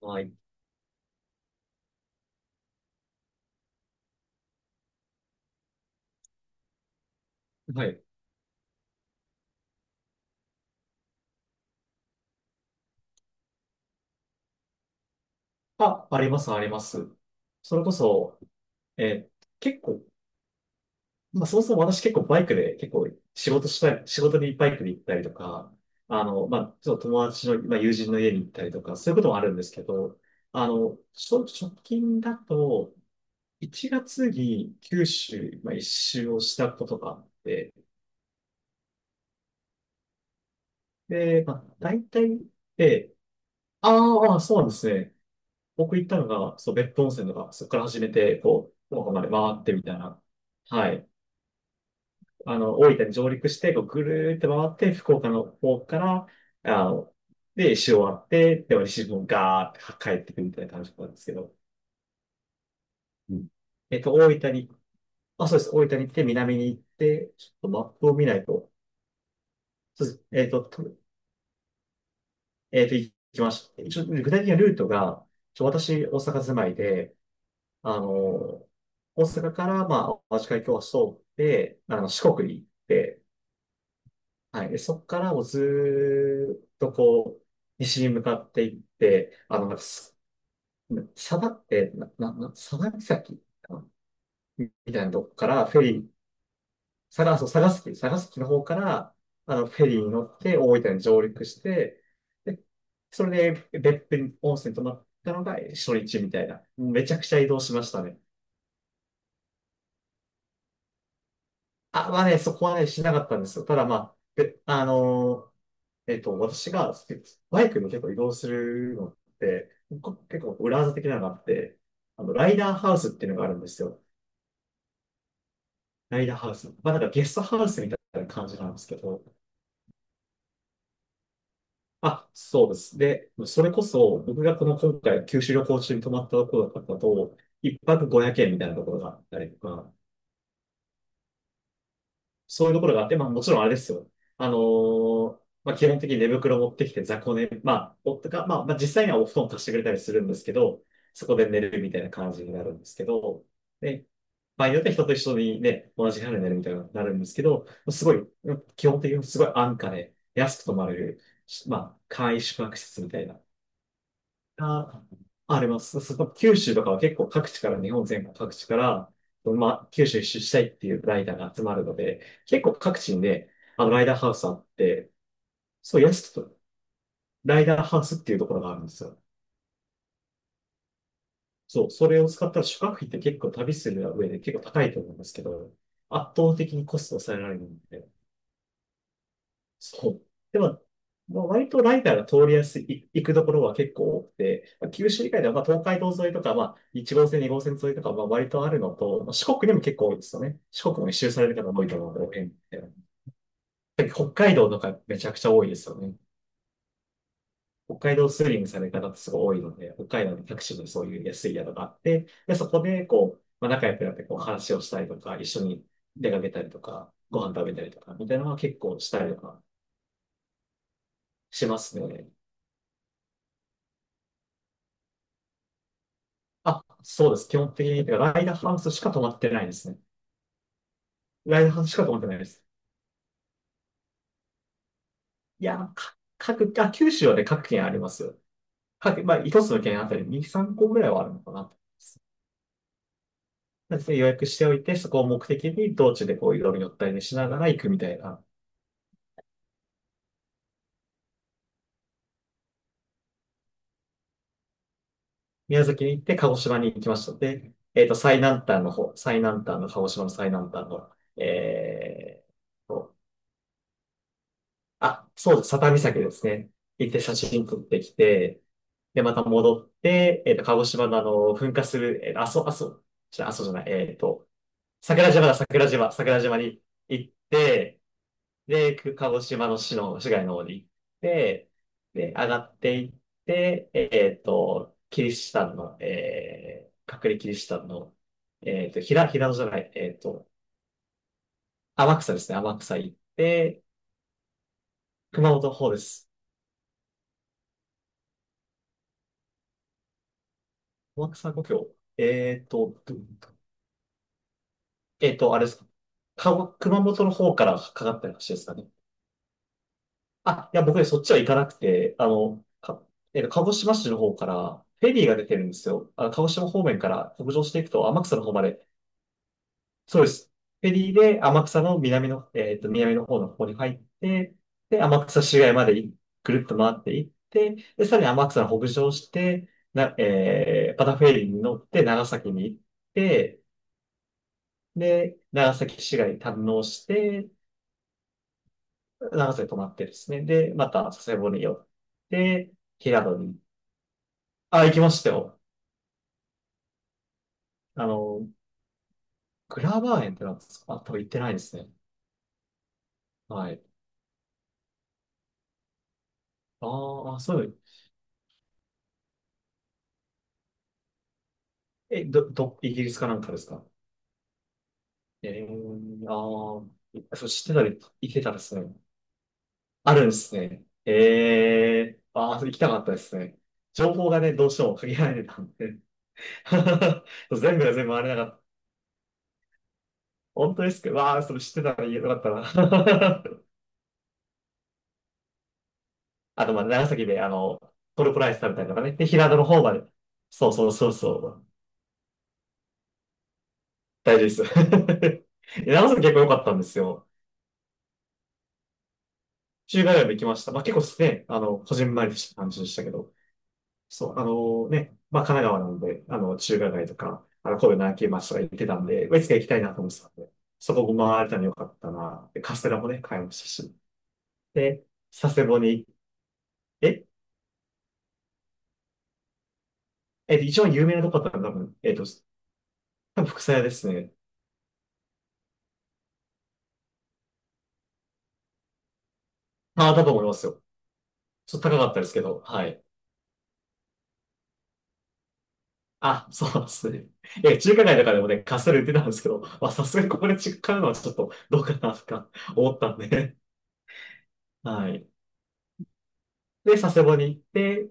はい。はい。あ、あります、あります。それこそ、結構、まあ、そもそも私結構バイクで結構仕事したり、仕事にバイクで行ったりとか、まあ、ちょっと友達の、まあ、友人の家に行ったりとか、そういうこともあるんですけど、直近だと、1月に九州、まあ、一周をしたことがあって、で、まあ、大体、で、あーあー、そうなんですね。僕行ったのが、そう、別府温泉とか、そこから始めて、こう、福岡まで回ってみたいな。はい。あの、大分に上陸して、こう、ぐるーって回って、福岡の方から、あの、で、石終わって、で、西日本ガーって帰ってくるみたいな感じだったんですけど。うん。大分に、あ、そうです。大分に行って、南に行って、ちょっとマップを見ないと、そうです。えっと、行きました。一応、具体的なルートが、私、大阪住まいで、あの、大阪から、まあ、和紙会教室を通って、あの、四国に行って、はい。で、そこからもうずーっとこう、西に向かっていって、あの、なんかす佐賀って、な、な、な、佐賀岬かな、みたいなとこからフェリー、佐賀、そう、佐賀崎、佐賀崎の方から、あの、フェリーに乗って大分に上陸して、で、それで別府に温泉泊まったのが初日みたいな。めちゃくちゃ移動しましたね。あ、まあね、そこはね、しなかったんですよ。ただまあ、で、えっと、私がスバイクも結構移動するのって、結構裏技的なのがあって、あの、ライダーハウスっていうのがあるんですよ。ライダーハウス。まあなんかゲストハウスみたいな感じなんですけど、あ、そうです。で、それこそ僕がこの今回、九州旅行中に泊まったところだったと、一泊500円みたいなところがあったりとか、そういうところがあって、まあもちろんあれですよ。まあ基本的に寝袋持ってきて雑魚寝、まあ、夫が、まあ、まあ実際にはお布団貸してくれたりするんですけど、そこで寝るみたいな感じになるんですけど、で、場合によっては人と一緒にね、同じ部屋で寝るみたいになるんですけど、すごい、基本的にすごい安価で安く泊まれる、まあ簡易宿泊施設みたいな。あ、あります。そこ、九州とかは結構各地から、日本全国各地から、まあ、九州一周したいっていうライダーが集まるので、結構各地にね、あの、ライダーハウスあって、そう、安くと、ライダーハウスっていうところがあるんですよ。そう、それを使ったら宿泊費って結構旅する上で結構高いと思うんですけど、圧倒的にコストを抑えられるんで、そう。でも、まあ割とライダーが通りやすい、行くところは結構多くて、まあ九州以外では、まあ、東海道沿いとか、まあ、1号線、2号線沿いとか、まあ、割とあるのと、まあ四国にも結構多いですよね。四国も一周される方も多いと思うので、北海道とかめちゃくちゃ多いですよね。北海道スーリングされる方ってすごい多いので、北海道のタクシーでそういう安い宿があって、で、そこで、こう、まあ、仲良くなってこう話をしたりとか、一緒に出かけたりとか、ご飯食べたりとか、みたいなのは結構したりとかしますね。あ、そうです。基本的に、ライダーハウスしか泊まってないですね。ライダーハウスしか泊まってないです。いや、か各、あ、九州はね、各県ありますよ。各、まあ、一つの県あたり2、3個ぐらいはあるのかなと思います。なので予約しておいて、そこを目的に道中でこういろいろ寄ったりねしながら行くみたいな。宮崎に行って鹿児島に行きましたので、えっと、最南端の方、最南端の鹿児島の最南端の、えーと、あ、そうです。佐多岬ですね。行って写真撮ってきて、で、また戻って、えっと、鹿児島のあの、噴火する、えっと、阿蘇じゃない、えっと、桜島だ、桜島、桜島に行って、で、鹿児島の市街の方に行って、で、上がっていって、えっと、キリシタンの、隠れキリシタンの、えっと、平野じゃない、えっと、天草ですね、天草行って、熊本の方です。天草故郷。えっと、あれですか。熊本の方からかかった話ですかね。あ、いや、僕ね、そっちは行かなくて、えっと、鹿児島市の方から、フェリーが出てるんですよ。あの、鹿児島方面から北上していくと、天草の方まで。そうです。フェリーで天草の南の、えっと、南の方の方に入って、で、天草市街までぐるっと回っていって、で、さらに天草の北上して、な、えー、またフェリーに乗って長崎に行って、で、長崎市街に堪能して、長瀬泊まってですね。で、また佐世保に寄って、平戸に。あ、行きましたよ。あの、グラバー園ってなんですか。あ、多分行ってないですね。はい。ああ、そういう。え、ど、ど、イギリスかなんかですか。ああ、そう、知ってたり、行けたですね。あるんですね。ええーああ、それ行きたかったですね。情報がね、どうしても限られてたんで。そう全部が全部あれなかった。本当ですけど、わあ、それ知ってたらよかったな。あと、まあ、長崎で、あの、トルコライス食べたりとかね。で、平戸の方まで。そうそうそうそう。大事です。で長崎結構良かったんですよ。中華街も行きました。まあ、結構ね、あの、こじんまりとした感じでしたけど。そう、あのね、まあ、神奈川なんで、あの、中華街とか、あの、神戸の秋町とか行ってたんで、まあいつか行きたいなと思ってたんで、そこも回れたの良かったな。で、カステラもね、買いましたし。で、佐世保に、え、えっと、一番有名なとこだったら多分、えっと、多分、福佐屋ですね。ああ、だと思いますよ。ちょっと高かったですけど、はい。あ、そうですね。え、中華街とかでもね、カステラ売ってたんですけど、まあ、さすがにここで買うのはちょっとどうかなとか 思ったんで、はい。で、佐世保に行って、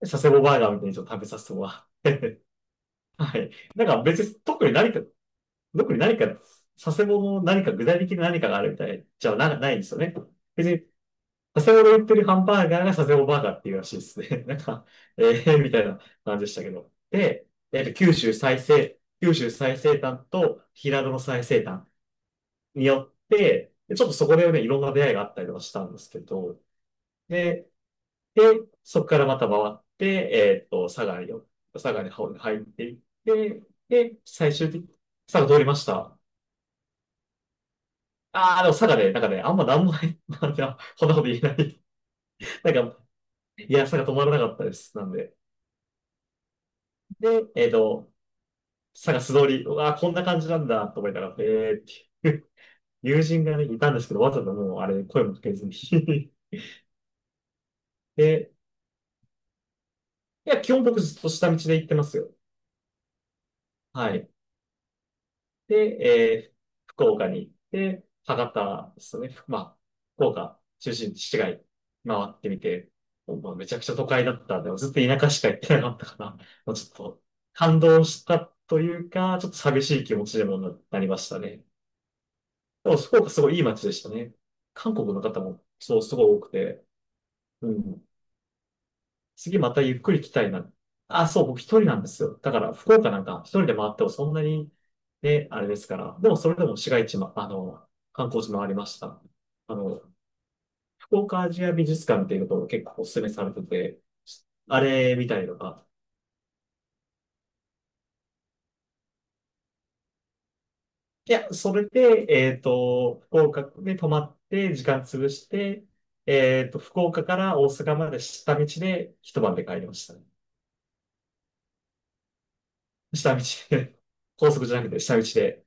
佐世保バーガーみたいにちょっと食べさせてもらって、はい。なんか別に特に何か、特に何か、佐世保の何か具体的な何かがあるみたいじゃな、ないんですよね。別に佐世保で売ってるハンバーガーが佐世保バーガーっていうらしいですね。みたいな感じでしたけど。で、えっと、九州最西、九州最西端と平戸の最西端によって、でちょっとそこでね、いろんな出会いがあったりとかしたんですけど、で、で、そこからまた回って、えっと、佐賀に、佐賀に入っていって、で、最終的に、佐賀通りました。ああ、でも佐賀で、なんかね、あんまなんもない、なんか、こんなこと言えない。なんか、いや、佐賀止まらなかったです。なんで。で、えっと、探す通り、うわー、こんな感じなんだと思いながら、えーっていう 友人がね、いたんですけど、わざともうあれ、声もかけずに で、いや、基本僕ずっと下道で行ってますよ。はい。で、えー福岡に行って、博多ですね。まあ、福岡中心地市街回ってみて、まあ、めちゃくちゃ都会だったんで、ずっと田舎しか行ってなかったから、もうちょっと感動したというか、ちょっと寂しい気持ちでもなりましたね。でも福岡すごいいい街でしたね。韓国の方もそうすごい多くて、うん。次またゆっくり来たいな。あ、そう、僕一人なんですよ。だから福岡なんか一人で回ってもそんなにね、あれですから。でもそれでも市街地も、あの、観光地もありました。あの、福岡アジア美術館っていうところ結構お勧めされてて、あれみたいのが。いや、それで、えっと、福岡で泊まって時間潰して、えっと、福岡から大阪まで下道で一晩で帰りましたね。下道で、高速じゃなくて下道で。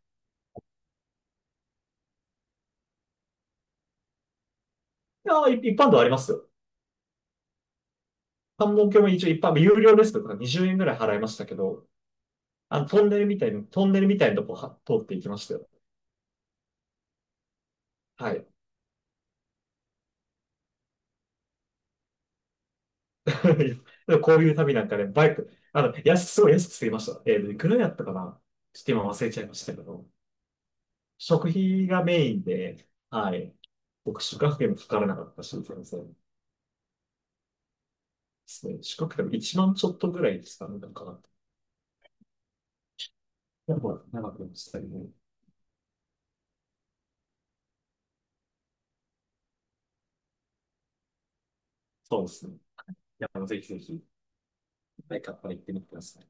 いやー、い一般道ありますよ。関門橋も一応一般道、有料ですけど、20円ぐらい払いましたけど、あの、トンネルみたいな、トンネルみたいなとこは通っていきましたよ。はい。こういう旅なんかね、バイク、あの、安く、すごい安く済みました。えー、いくらやったかなちょっと今忘れちゃいましたけど、食費がメインで、はい。僕、宿泊費もかからなかったし、全然ですね。宿泊費も1万ちょっとぐらいですかね、なんかな。やっぱ長くなりましたけど、そうですね。や、もうぜひぜひ、一回カッパ行ってみてください。